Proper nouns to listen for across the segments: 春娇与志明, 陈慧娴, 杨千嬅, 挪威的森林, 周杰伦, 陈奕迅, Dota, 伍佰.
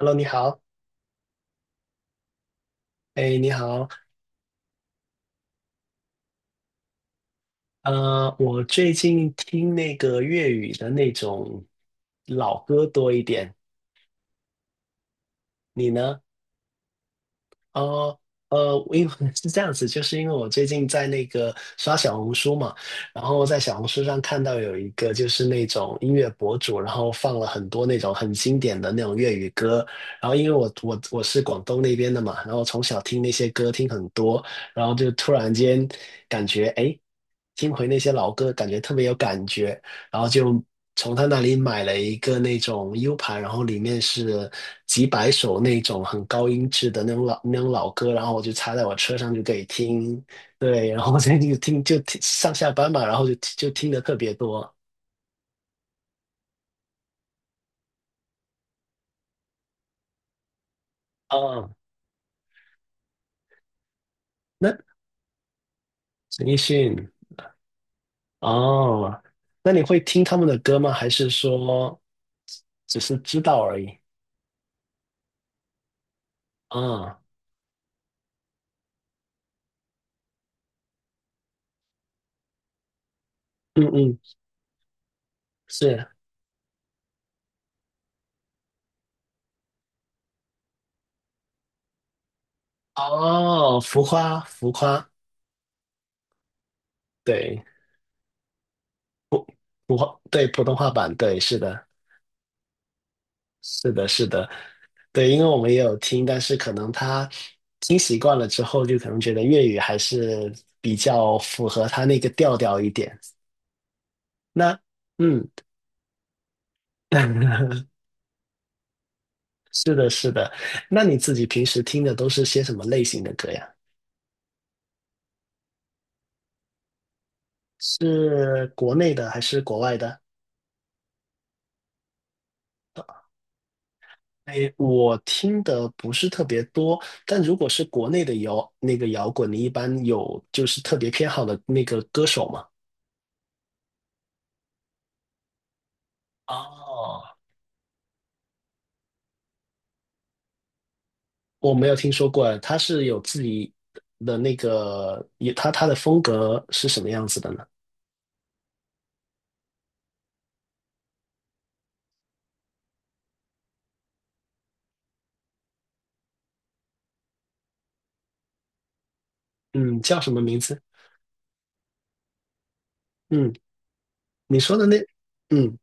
Hello，你好，哎，你好，我最近听那个粤语的那种老歌多一点，你呢？呃因为 是这样子，就是因为我最近在那个刷小红书嘛，然后在小红书上看到有一个就是那种音乐博主，然后放了很多那种很经典的那种粤语歌，然后因为我是广东那边的嘛，然后从小听那些歌听很多，然后就突然间感觉哎，诶听回那些老歌，感觉特别有感觉，然后就从他那里买了一个那种 U 盘，然后里面是几百首那种很高音质的那种老歌，然后我就插在我车上就可以听，对，然后我最近就听上下班嘛，然后就听的特别多。哦，那陈奕迅。哦，那你会听他们的歌吗？还是说只是知道而已？啊，嗯嗯，是。哦，浮夸浮夸。对，普普通话版，对，是的。是的，是的，对，因为我们也有听，但是可能他听习惯了之后，就可能觉得粤语还是比较符合他那个调调一点。那，嗯，是的，是的。那你自己平时听的都是些什么类型的歌呀？是国内的还是国外的？哎，我听的不是特别多，但如果是国内的摇那个摇滚，你一般有就是特别偏好的那个歌手吗？哦，我没有听说过，他是有自己的那个，也他的风格是什么样子的呢？嗯，叫什么名字？嗯，你说的那，嗯，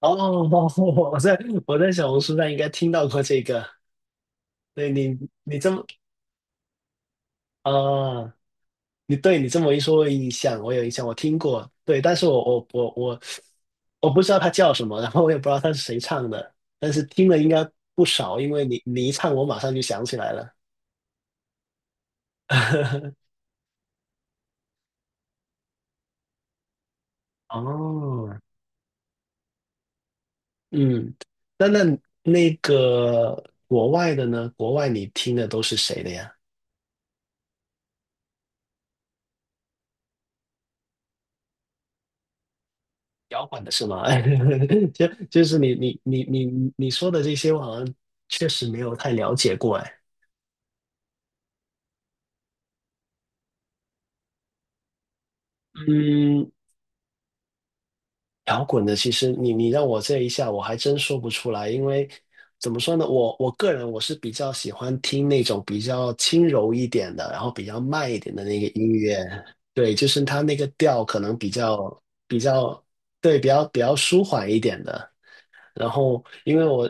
哦，我在我在小红书上应该听到过这个。对你，你这么啊，你对你这么一说，我有印象，我有印象，我听过。对，但是我不知道他叫什么，然后我也不知道他是谁唱的，但是听了应该不少，因为你你一唱，我马上就想起来了。哦，嗯，那那个国外的呢？国外你听的都是谁的呀？摇滚的是吗？就是你说的这些，我好像确实没有太了解过哎。嗯，摇滚的，其实你让我这一下，我还真说不出来，因为怎么说呢，我个人我是比较喜欢听那种比较轻柔一点的，然后比较慢一点的那个音乐，对，就是它那个调可能比较对，比较舒缓一点的。然后因为我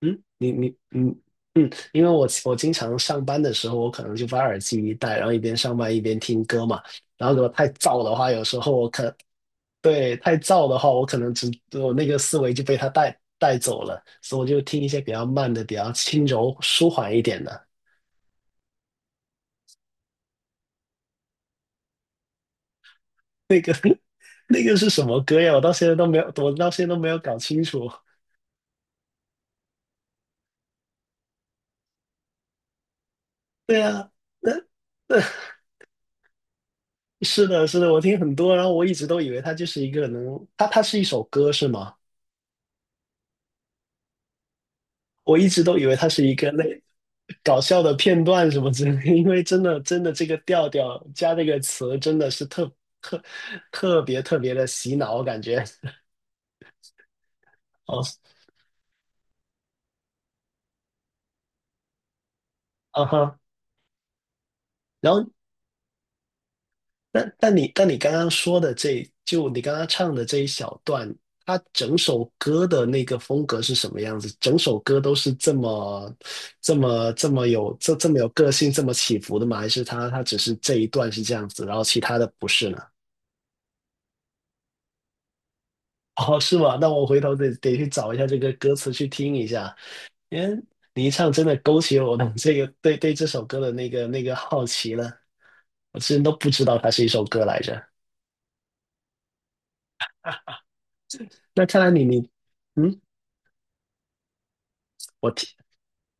嗯，你你嗯嗯，因为我经常上班的时候，我可能就把耳机一戴，然后一边上班一边听歌嘛。然后如果太燥的话，有时候我可对，太燥的话，我可能只我那个思维就被它带走了，所以我就听一些比较慢的、比较轻柔、舒缓一点的。那个是什么歌呀？我到现在都没有搞清楚。对啊，那那是的，是的，我听很多，然后我一直都以为它就是一个能，它是一首歌是吗？我一直都以为它是一个那搞笑的片段什么之类的，因为真的真的这个调调加这个词真的是特特别特别的洗脑，我感觉。哦。啊哈，然后但但你但你刚刚说的这就你刚刚唱的这一小段，它整首歌的那个风格是什么样子？整首歌都是这么有个性，这么起伏的吗？还是它只是这一段是这样子，然后其他的不是呢？哦，是吗？那我回头得去找一下这个歌词去听一下，因为你一唱真的勾起我的这个对这首歌的那个那个好奇了，我之前都不知道它是一首歌来着。那看来你你嗯。我听，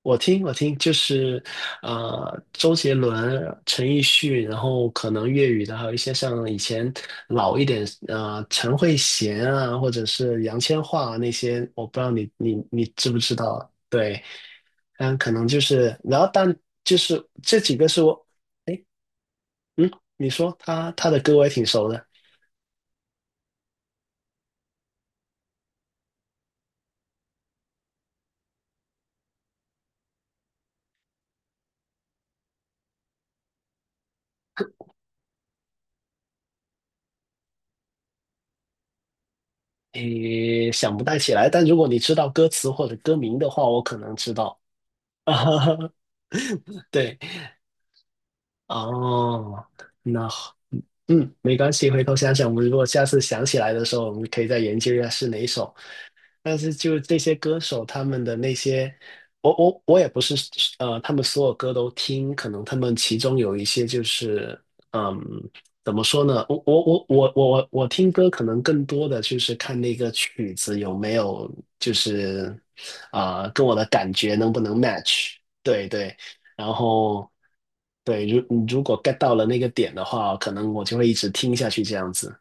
我听，就是周杰伦、陈奕迅，然后可能粤语的，还有一些像以前老一点，陈慧娴啊，或者是杨千嬅啊那些，我不知道你知不知道？对，嗯，可能就是，然后但就是这几个是我，哎，嗯，你说他的歌我也挺熟的，诶，想不太起来，但如果你知道歌词或者歌名的话，我可能知道。啊，对。哦，那好，嗯，没关系，回头想想，我们如果下次想起来的时候，我们可以再研究一下是哪一首。但是就这些歌手他们的那些，我也不是他们所有歌都听，可能他们其中有一些就是嗯，怎么说呢？我听歌可能更多的就是看那个曲子有没有就是啊、跟我的感觉能不能 match？对对，然后对，如果 get 到了那个点的话，可能我就会一直听下去这样子。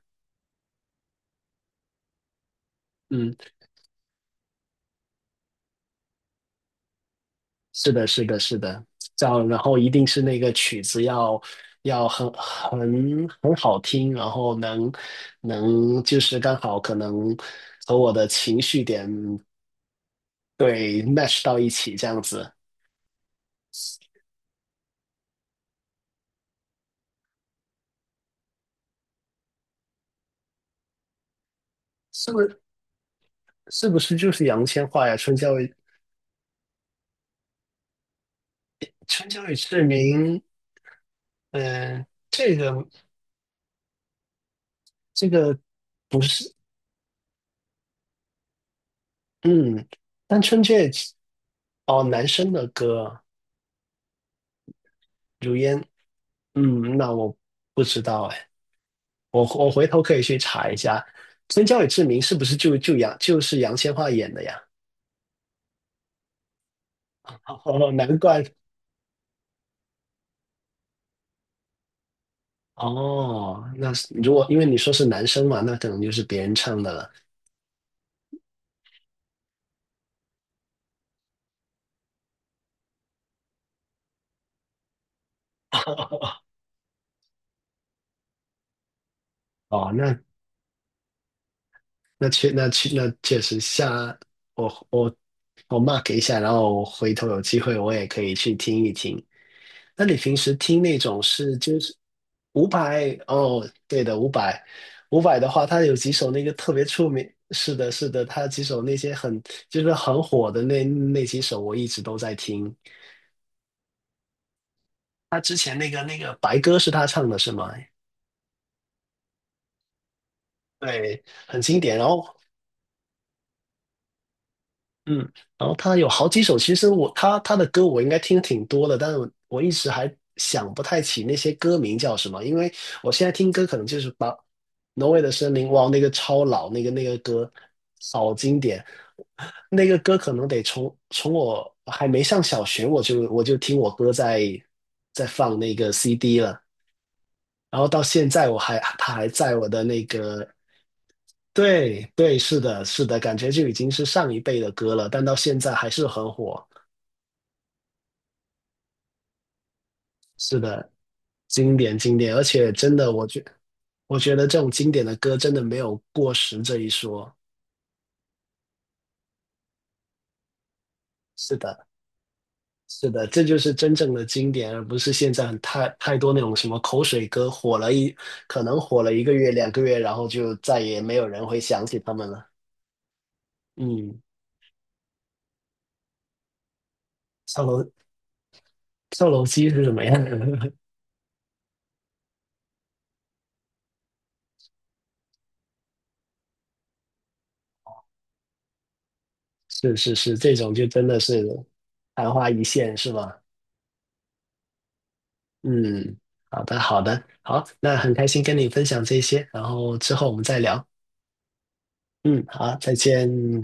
嗯。是的，是的，是的，这样，然后一定是那个曲子要要很很很好听，然后能就是刚好可能和我的情绪点对 match 到一起，这样子，是不是是不是就是杨千嬅呀？春娇与志明，嗯、这个这个不是，嗯，但春节哦，男生的歌，如烟，嗯，那我不知道哎。我我回头可以去查一下，春娇与志明是不是就是杨千嬅演的呀？哦，难怪。哦。那是如果因为你说是男生嘛，那可能就是别人唱的了。哦，那那确那确那确实下我我我 mark 一下，然后我回头有机会我也可以去听一听。那你平时听那种是就是伍佰。哦，对的，伍佰，的话，他有几首那个特别出名，是的，是的，他几首那些很就是很火的那那几首，我一直都在听。他之前那个白歌是他唱的是吗？对，很经典。然后嗯，他有好几首，其实他的歌我应该听挺多的，但是我一直还想不太起那些歌名叫什么，因为我现在听歌可能就是把《挪威的森林》。哇，那个超老，那个那个歌好经典，那个歌可能得从从我还没上小学我就听我哥在在放那个 CD 了，然后到现在我还他还在我的那个对对，是的，是的，感觉就已经是上一辈的歌了，但到现在还是很火。是的，经典经典，而且真的，我觉得这种经典的歌真的没有过时这一说。是的，是的，这就是真正的经典，而不是现在太多那种什么口水歌，火了一可能火了一个月、两个月，然后就再也没有人会想起他们了。嗯，跳楼跳楼机是什么样的？是是是，这种就真的是昙花一现，是吧？嗯，好的，好的，好，那很开心跟你分享这些，然后之后我们再聊。嗯，好，再见。